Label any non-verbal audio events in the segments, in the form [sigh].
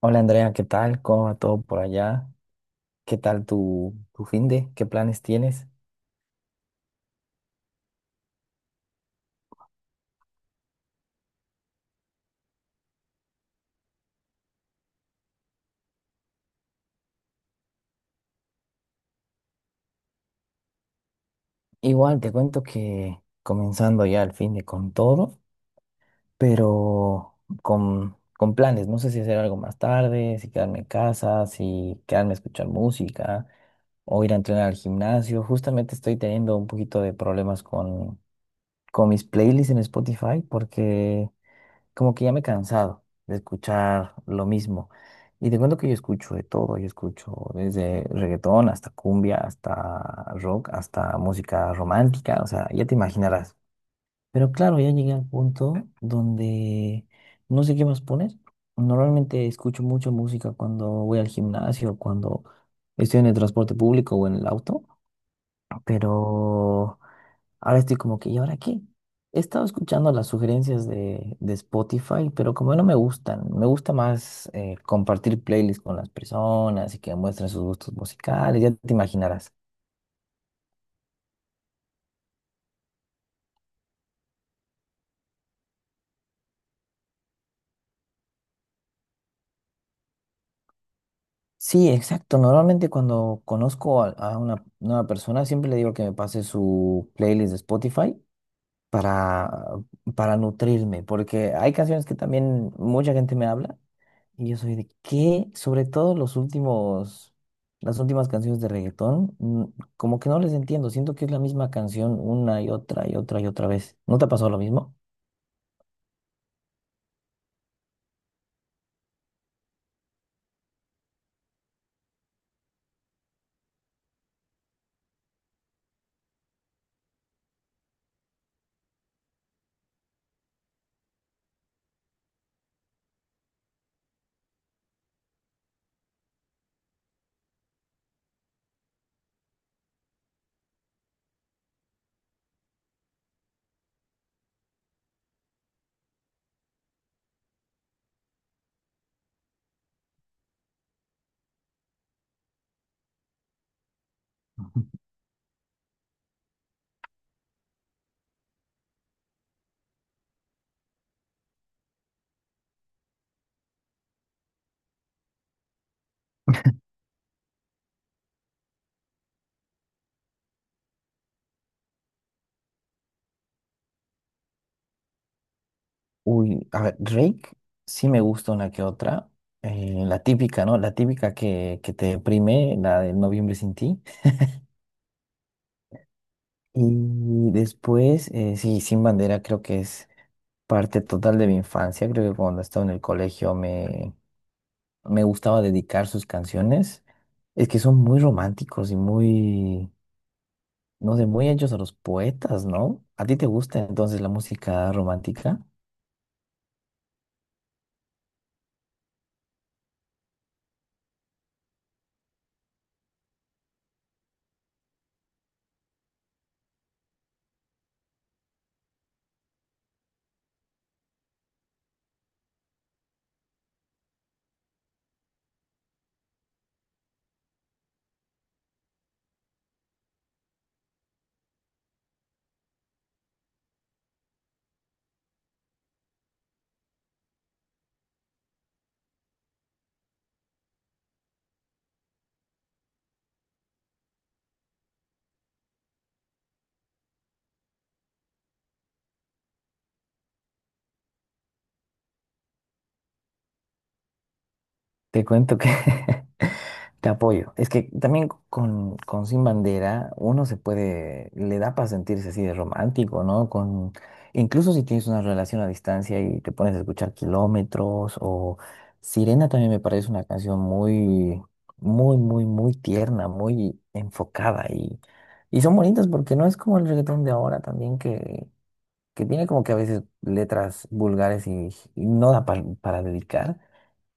Hola Andrea, ¿qué tal? ¿Cómo va todo por allá? ¿Qué tal tu fin de? ¿Qué planes tienes? Igual te cuento que comenzando ya el fin de con todo, pero con planes. No sé si hacer algo más tarde, si quedarme en casa, si quedarme a escuchar música o ir a entrenar al gimnasio. Justamente estoy teniendo un poquito de problemas con mis playlists en Spotify porque como que ya me he cansado de escuchar lo mismo. Y te cuento que yo escucho de todo, yo escucho desde reggaetón hasta cumbia, hasta rock, hasta música romántica, o sea, ya te imaginarás. Pero claro, ya llegué al punto donde no sé qué más poner. Normalmente escucho mucha música cuando voy al gimnasio, cuando estoy en el transporte público o en el auto, pero ahora estoy como que, ¿y ahora qué? He estado escuchando las sugerencias de Spotify, pero como no me gustan, me gusta más compartir playlists con las personas y que muestren sus gustos musicales, ya te imaginarás. Sí, exacto. Normalmente cuando conozco a una nueva persona, siempre le digo que me pase su playlist de Spotify para, para nutrirme, porque hay canciones que también mucha gente me habla y yo soy de que, sobre todo los últimos, las últimas canciones de reggaetón, como que no les entiendo, siento que es la misma canción una y otra y otra y otra vez. ¿No te ha pasado lo mismo? Uy, a ver, Drake sí me gusta una que otra. La típica, ¿no? La típica que te deprime, la de Noviembre sin ti. Y después, sí, Sin Bandera creo que es parte total de mi infancia, creo que cuando estaba en el colegio me gustaba dedicar sus canciones. Es que son muy románticos y muy, no sé, muy hechos a los poetas, ¿no? ¿A ti te gusta entonces la música romántica? Te cuento que [laughs] te apoyo. Es que también con Sin Bandera uno se puede, le da para sentirse así de romántico, ¿no? Incluso si tienes una relación a distancia y te pones a escuchar Kilómetros o Sirena también me parece una canción muy, muy, muy, muy tierna, muy enfocada y son bonitas porque no es como el reggaetón de ahora también que tiene como que a veces letras vulgares y no da para dedicar.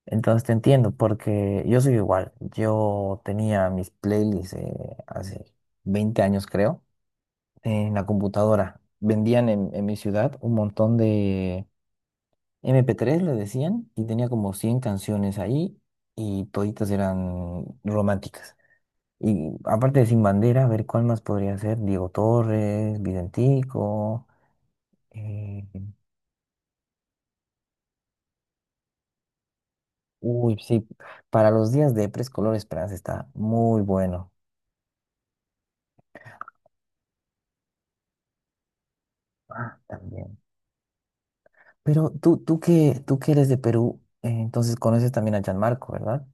Entonces te entiendo, porque yo soy igual. Yo tenía mis playlists hace 20 años, creo, en la computadora. Vendían en mi ciudad un montón de MP3, le decían, y tenía como 100 canciones ahí y toditas eran románticas. Y aparte de Sin Bandera, a ver cuál más podría ser. Diego Torres, Videntico. eh, Uy, sí, para los días de Color Esperanza está muy bueno. Ah, también. Pero tú que eres de Perú, entonces conoces también a Gianmarco, ¿verdad?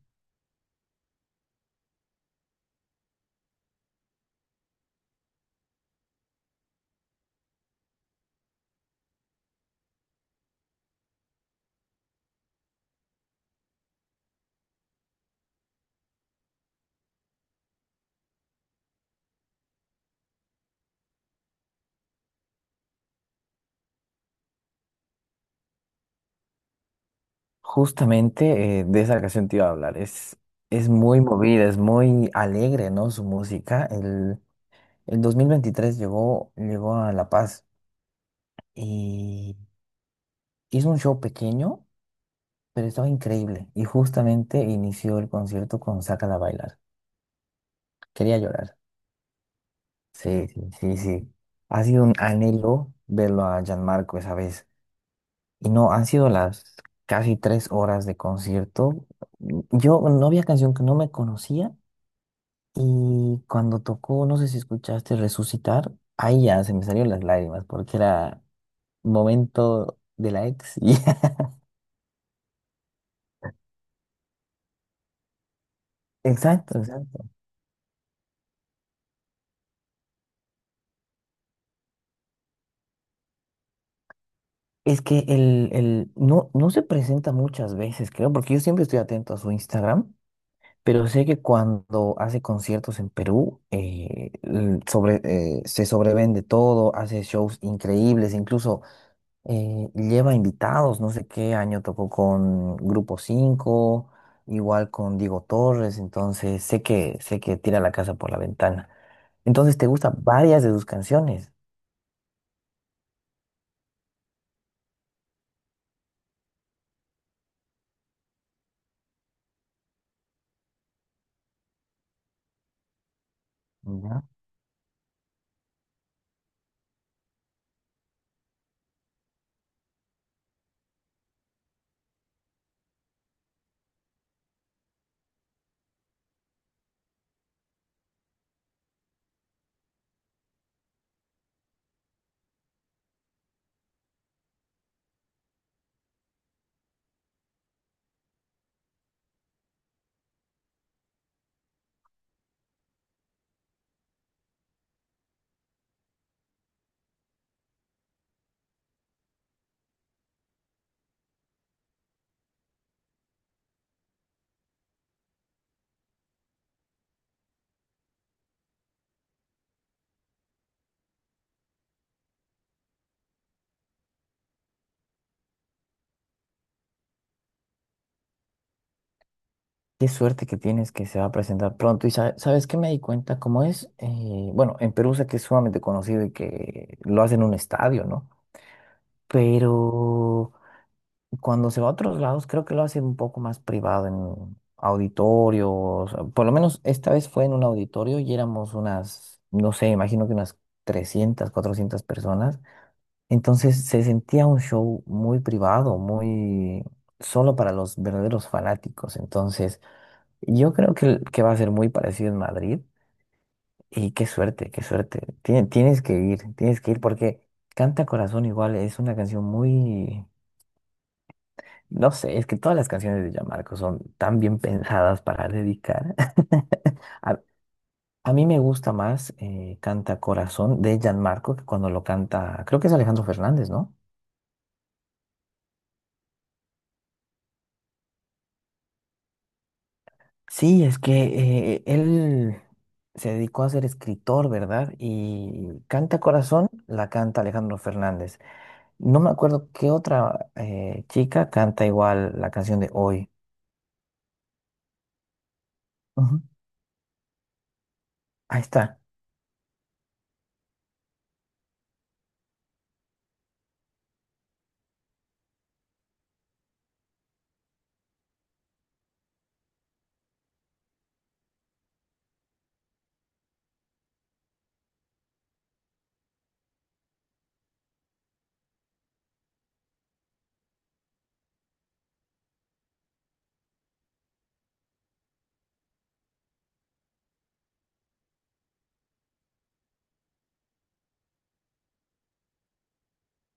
Justamente de esa canción te iba a hablar. Es muy movida, es muy alegre, ¿no? Su música. El 2023 llegó a La Paz y hizo un show pequeño, pero estaba increíble. Y justamente inició el concierto con Sácala a bailar. Quería llorar. Sí, sí, sí, sí. Ha sido un anhelo verlo a Gianmarco esa vez. Y no, han sido las casi 3 horas de concierto. Yo no había canción que no me conocía y cuando tocó, no sé si escuchaste Resucitar, ahí ya se me salieron las lágrimas porque era momento de la ex. [laughs] Exacto, exacto. Es que no, no se presenta muchas veces, creo, porque yo siempre estoy atento a su Instagram, pero sé que cuando hace conciertos en Perú, se sobrevende todo, hace shows increíbles, incluso lleva invitados, no sé qué año tocó con Grupo 5, igual con Diego Torres, entonces sé que tira la casa por la ventana. Entonces te gustan varias de sus canciones. Mira, qué suerte que tienes que se va a presentar pronto. Y sabes qué me di cuenta, cómo es. Bueno, en Perú sé que es sumamente conocido y que lo hacen en un estadio, ¿no? Pero cuando se va a otros lados, creo que lo hace un poco más privado en auditorios. Por lo menos esta vez fue en un auditorio y éramos unas, no sé, imagino que unas 300, 400 personas. Entonces se sentía un show muy privado, muy solo para los verdaderos fanáticos. Entonces yo creo que va a ser muy parecido en Madrid. Y qué suerte, qué suerte. Tienes que ir, tienes que ir porque Canta Corazón igual es una canción muy. No sé, es que todas las canciones de Gianmarco son tan bien pensadas para dedicar. [laughs] A, a mí me gusta más Canta Corazón de Gianmarco que cuando lo canta, creo que es Alejandro Fernández, ¿no? Sí, es que él se dedicó a ser escritor, ¿verdad? Y Canta Corazón la canta Alejandro Fernández. No me acuerdo qué otra chica canta igual la canción de Hoy. Ujú. Ahí está.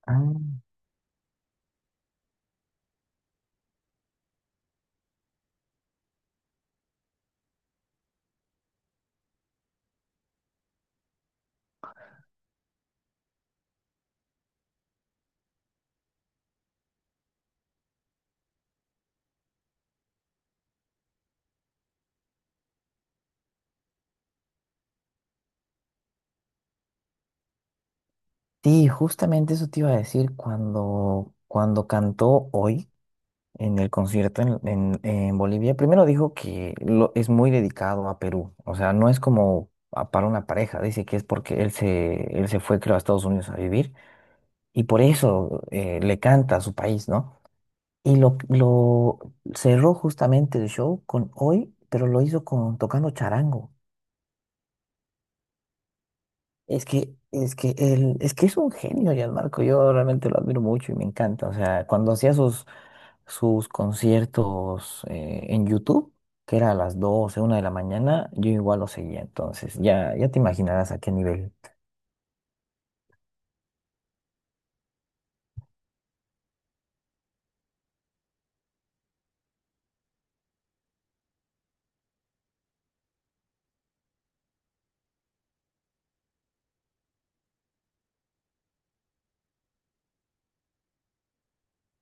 Ah. Sí, justamente eso te iba a decir cuando, cuando cantó hoy en el concierto en Bolivia. Primero dijo que es muy dedicado a Perú, o sea, no es como para una pareja, dice que es porque él se fue, creo, a Estados Unidos a vivir y por eso le canta a su país, ¿no? Y lo cerró justamente el show con hoy, pero lo hizo tocando charango. Es que es un genio, Gianmarco. Yo realmente lo admiro mucho y me encanta. O sea, cuando hacía sus conciertos en YouTube, que era a las doce una de la mañana, yo igual lo seguía. Entonces, ya, ya te imaginarás a qué nivel.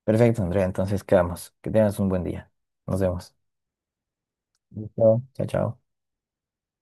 Perfecto, Andrea. Entonces, quedamos. Que tengas un buen día. Nos vemos. Listo. Chao, chao.